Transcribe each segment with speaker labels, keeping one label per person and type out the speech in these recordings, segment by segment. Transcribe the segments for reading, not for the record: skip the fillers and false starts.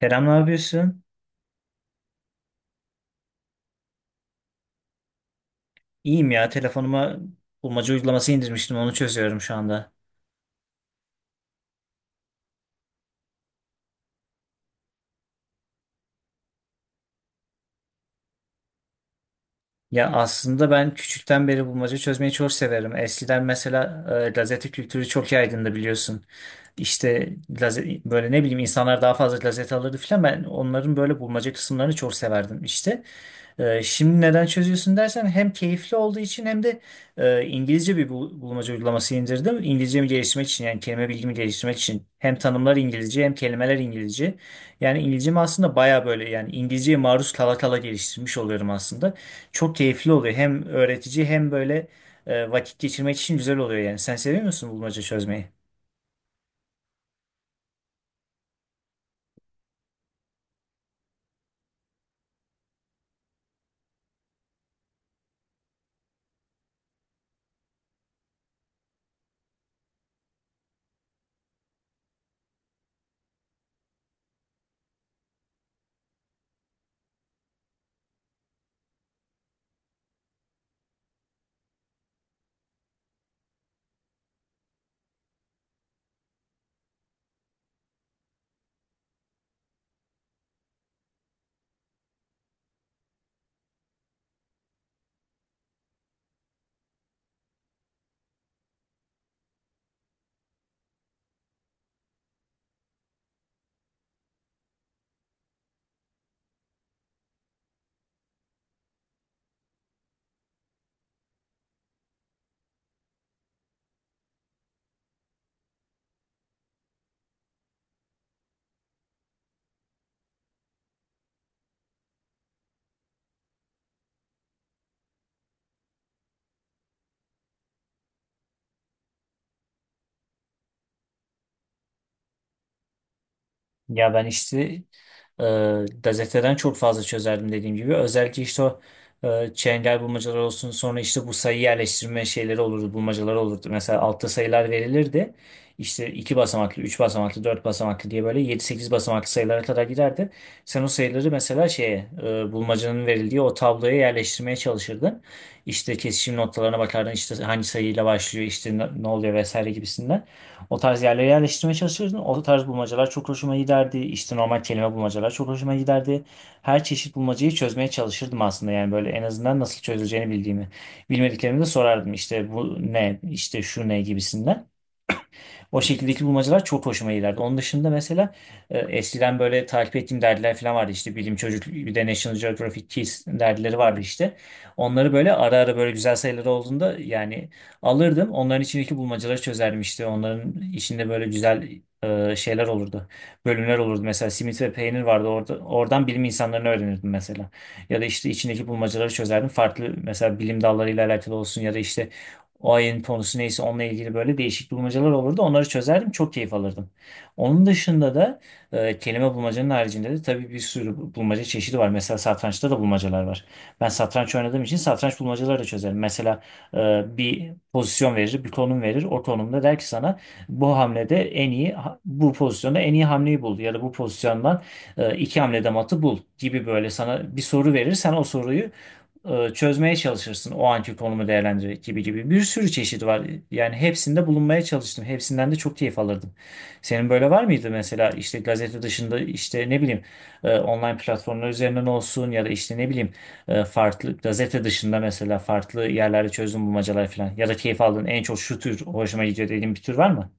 Speaker 1: Kerem ne yapıyorsun? İyiyim ya. Telefonuma bulmaca uygulaması indirmiştim. Onu çözüyorum şu anda. Ya aslında ben küçükten beri bulmaca çözmeyi çok severim. Eskiden mesela gazete kültürü çok yaygındı biliyorsun. İşte böyle ne bileyim insanlar daha fazla gazete alırdı filan. Ben onların böyle bulmaca kısımlarını çok severdim işte. Şimdi neden çözüyorsun dersen hem keyifli olduğu için hem de İngilizce bir bulmaca uygulaması indirdim. İngilizcemi geliştirmek için yani kelime bilgimi geliştirmek için. Hem tanımlar İngilizce hem kelimeler İngilizce. Yani İngilizcemi aslında baya böyle yani İngilizceye maruz kala kala geliştirmiş oluyorum aslında. Çok keyifli oluyor. Hem öğretici hem böyle vakit geçirmek için güzel oluyor yani. Sen seviyor musun bulmaca çözmeyi? Ya ben işte gazeteden çok fazla çözerdim dediğim gibi. Özellikle işte o çengel bulmacalar olsun, sonra işte bu sayı yerleştirme şeyleri olurdu, bulmacalar olurdu. Mesela altta sayılar verilirdi. İşte 2 basamaklı, 3 basamaklı, 4 basamaklı diye böyle yedi, sekiz basamaklı sayılara kadar giderdi. Sen o sayıları mesela şeye bulmacanın verildiği o tabloya yerleştirmeye çalışırdın. İşte kesişim noktalarına bakardın, işte hangi sayıyla başlıyor, işte ne ne oluyor vesaire gibisinden. O tarz yerlere yerleştirmeye çalışıyordum. O tarz bulmacalar çok hoşuma giderdi. İşte normal kelime bulmacalar çok hoşuma giderdi. Her çeşit bulmacayı çözmeye çalışırdım aslında. Yani böyle en azından nasıl çözüleceğini bildiğimi. Bilmediklerimi de sorardım. İşte bu ne, işte şu ne gibisinden. O şekildeki bulmacalar çok hoşuma giderdi. Onun dışında mesela eskiden böyle takip ettiğim dergiler falan vardı işte, Bilim Çocuk, bir de National Geographic Kids dergileri vardı işte. Onları böyle ara ara böyle güzel sayıları olduğunda yani alırdım. Onların içindeki bulmacaları çözerdim işte. Onların içinde böyle güzel şeyler olurdu. Bölümler olurdu. Mesela simit ve peynir vardı. Orada, oradan bilim insanlarını öğrenirdim mesela. Ya da işte içindeki bulmacaları çözerdim. Farklı mesela bilim dallarıyla alakalı olsun, ya da işte o ayın konusu neyse onunla ilgili böyle değişik bulmacalar olurdu. Onları çözerdim. Çok keyif alırdım. Onun dışında da kelime bulmacanın haricinde de tabii bir sürü bulmaca çeşidi var. Mesela satrançta da bulmacalar var. Ben satranç oynadığım için satranç bulmacaları da çözerim. Mesela e, bir pozisyon verir, bir konum verir. O konumda der ki sana bu hamlede en iyi, bu pozisyonda en iyi hamleyi bul. Ya da bu pozisyondan iki hamlede matı bul gibi, böyle sana bir soru verir. Sen o soruyu çözmeye çalışırsın o anki konumu değerlendirerek gibi gibi. Bir sürü çeşit var. Yani hepsinde bulunmaya çalıştım. Hepsinden de çok keyif alırdım. Senin böyle var mıydı mesela, işte gazete dışında, işte ne bileyim online platformlar üzerinden olsun, ya da işte ne bileyim farklı gazete dışında mesela farklı yerlerde çözüm bulmacalar falan, ya da keyif aldığın en çok şu tür hoşuma gidiyor dediğin bir tür var mı?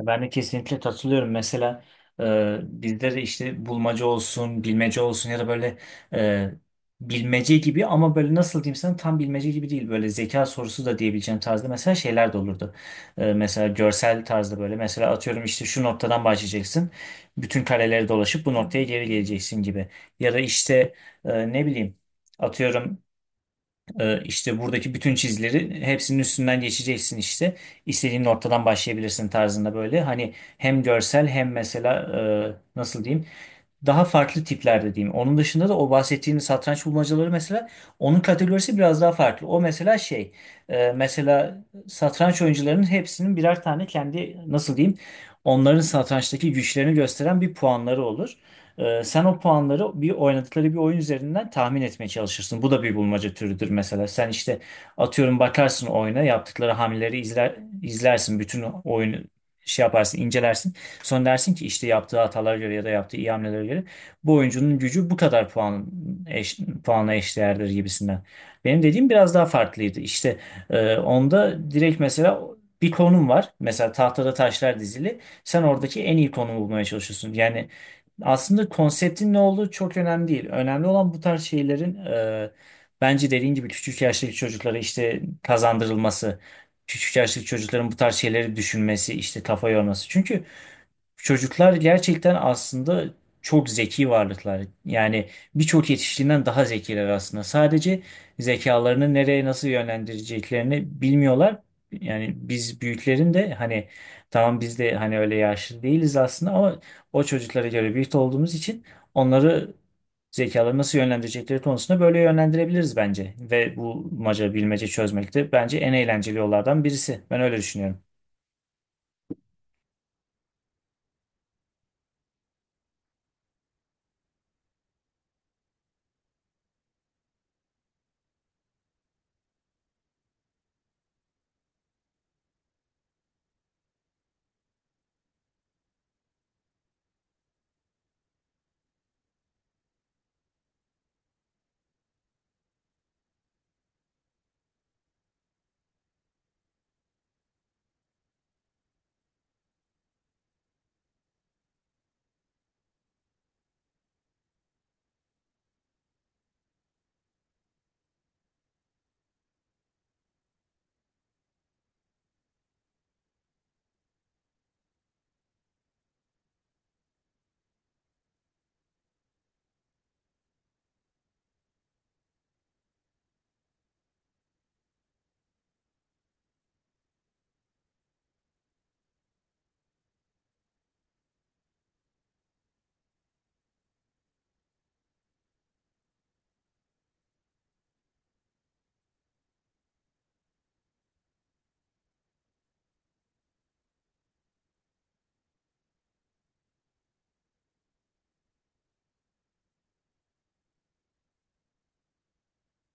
Speaker 1: Ben de kesinlikle katılıyorum. Mesela bizde de işte bulmaca olsun, bilmece olsun ya da böyle e, bilmece gibi ama böyle nasıl diyeyim sana, tam bilmece gibi değil. Böyle zeka sorusu da diyebileceğim tarzda mesela şeyler de olurdu. Mesela görsel tarzda böyle. Mesela atıyorum işte şu noktadan başlayacaksın. Bütün kareleri dolaşıp bu noktaya geri geleceksin gibi. Ya da işte e, ne bileyim atıyorum işte buradaki bütün çizileri hepsinin üstünden geçeceksin işte. İstediğin noktadan başlayabilirsin tarzında böyle. Hani hem görsel hem mesela nasıl diyeyim, daha farklı tiplerde diyeyim. Onun dışında da o bahsettiğin satranç bulmacaları mesela, onun kategorisi biraz daha farklı. O mesela şey, mesela satranç oyuncularının hepsinin birer tane kendi, nasıl diyeyim, onların satrançtaki güçlerini gösteren bir puanları olur. Sen o puanları bir oynadıkları bir oyun üzerinden tahmin etmeye çalışırsın. Bu da bir bulmaca türüdür mesela. Sen işte atıyorum bakarsın oyuna, yaptıkları hamleleri izlersin. Bütün oyunu şey yaparsın, incelersin. Sonra dersin ki işte yaptığı hatalara göre ya da yaptığı iyi hamlelere göre bu oyuncunun gücü bu kadar puanla eşdeğerdir gibisinden. Benim dediğim biraz daha farklıydı. İşte onda direkt mesela bir konum var. Mesela tahtada taşlar dizili. Sen oradaki en iyi konumu bulmaya çalışıyorsun. Yani aslında konseptin ne olduğu çok önemli değil. Önemli olan bu tarz şeylerin, bence dediğin gibi küçük yaştaki çocuklara işte kazandırılması, küçük yaştaki çocukların bu tarz şeyleri düşünmesi, işte kafa yorması. Çünkü çocuklar gerçekten aslında çok zeki varlıklar. Yani birçok yetişkinden daha zekiler aslında. Sadece zekalarını nereye nasıl yönlendireceklerini bilmiyorlar. Yani biz büyüklerin de hani, tamam biz de hani öyle yaşlı değiliz aslında ama o çocuklara göre büyük olduğumuz için onları, zekaları nasıl yönlendirecekleri konusunda böyle yönlendirebiliriz bence. Ve bu maca bilmece çözmek de bence en eğlenceli yollardan birisi. Ben öyle düşünüyorum.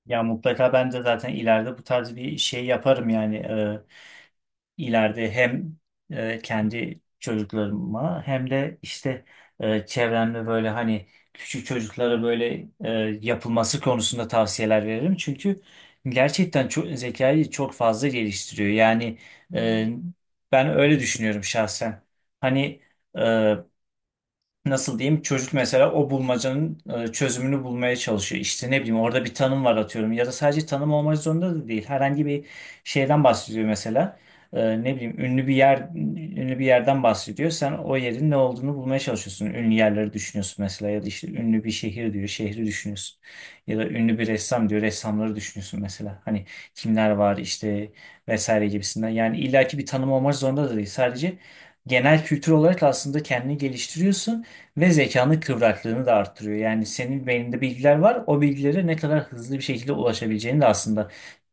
Speaker 1: Ya mutlaka ben de zaten ileride bu tarz bir şey yaparım yani. İleride hem kendi çocuklarıma hem de işte çevremde böyle hani küçük çocuklara böyle yapılması konusunda tavsiyeler veririm. Çünkü gerçekten çok, zekayı çok fazla geliştiriyor. Yani e, ben öyle düşünüyorum şahsen. Hani, e, nasıl diyeyim, çocuk mesela o bulmacanın çözümünü bulmaya çalışıyor. İşte ne bileyim orada bir tanım var atıyorum, ya da sadece tanım olmak zorunda da değil. Herhangi bir şeyden bahsediyor mesela. Ne bileyim, ünlü bir yerden bahsediyor. Sen o yerin ne olduğunu bulmaya çalışıyorsun. Ünlü yerleri düşünüyorsun mesela, ya da işte ünlü bir şehir diyor, şehri düşünüyorsun. Ya da ünlü bir ressam diyor, ressamları düşünüyorsun mesela. Hani kimler var işte vesaire gibisinden. Yani illaki bir tanım olmak zorunda da değil. Sadece genel kültür olarak aslında kendini geliştiriyorsun. Ve zekanın kıvraklığını da arttırıyor. Yani senin beyninde bilgiler var. O bilgilere ne kadar hızlı bir şekilde ulaşabileceğini de aslında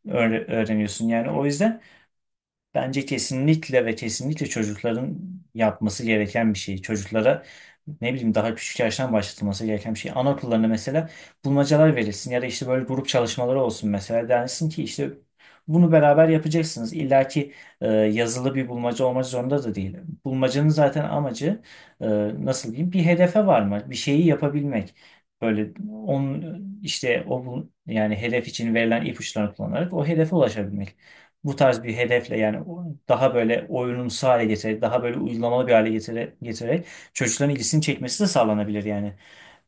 Speaker 1: öğreniyorsun. Yani o yüzden bence kesinlikle ve kesinlikle çocukların yapması gereken bir şey. Çocuklara ne bileyim daha küçük yaştan başlatılması gereken bir şey. Anaokullarına mesela bulmacalar verilsin, ya da işte böyle grup çalışmaları olsun mesela. Densin ki işte bunu beraber yapacaksınız. İlla ki yazılı bir bulmaca olmak zorunda da değil. Bulmacanın zaten amacı e, nasıl diyeyim, bir hedefe varmak, bir şeyi yapabilmek. Böyle onun işte yani hedef için verilen ipuçlarını kullanarak o hedefe ulaşabilmek, bu tarz bir hedefle, yani daha böyle oyunumsu hale getirerek, daha böyle uygulamalı bir hale getirerek çocukların ilgisini çekmesi de sağlanabilir yani.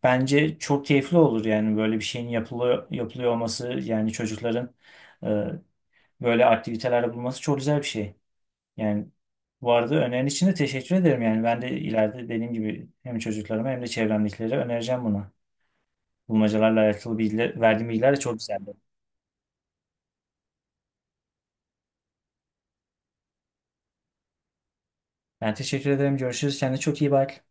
Speaker 1: Bence çok keyifli olur yani, böyle bir şeyin yapılıyor olması, yani çocukların e, böyle aktivitelerde bulunması çok güzel bir şey. Yani bu arada önerin için de teşekkür ederim, yani ben de ileride dediğim gibi hem çocuklarıma hem de çevremdekilere önereceğim bunu. Bulmacalarla alakalı bilgiler, verdiğim bilgiler de çok güzeldi. Ben teşekkür ederim. Görüşürüz. Kendine çok iyi bak.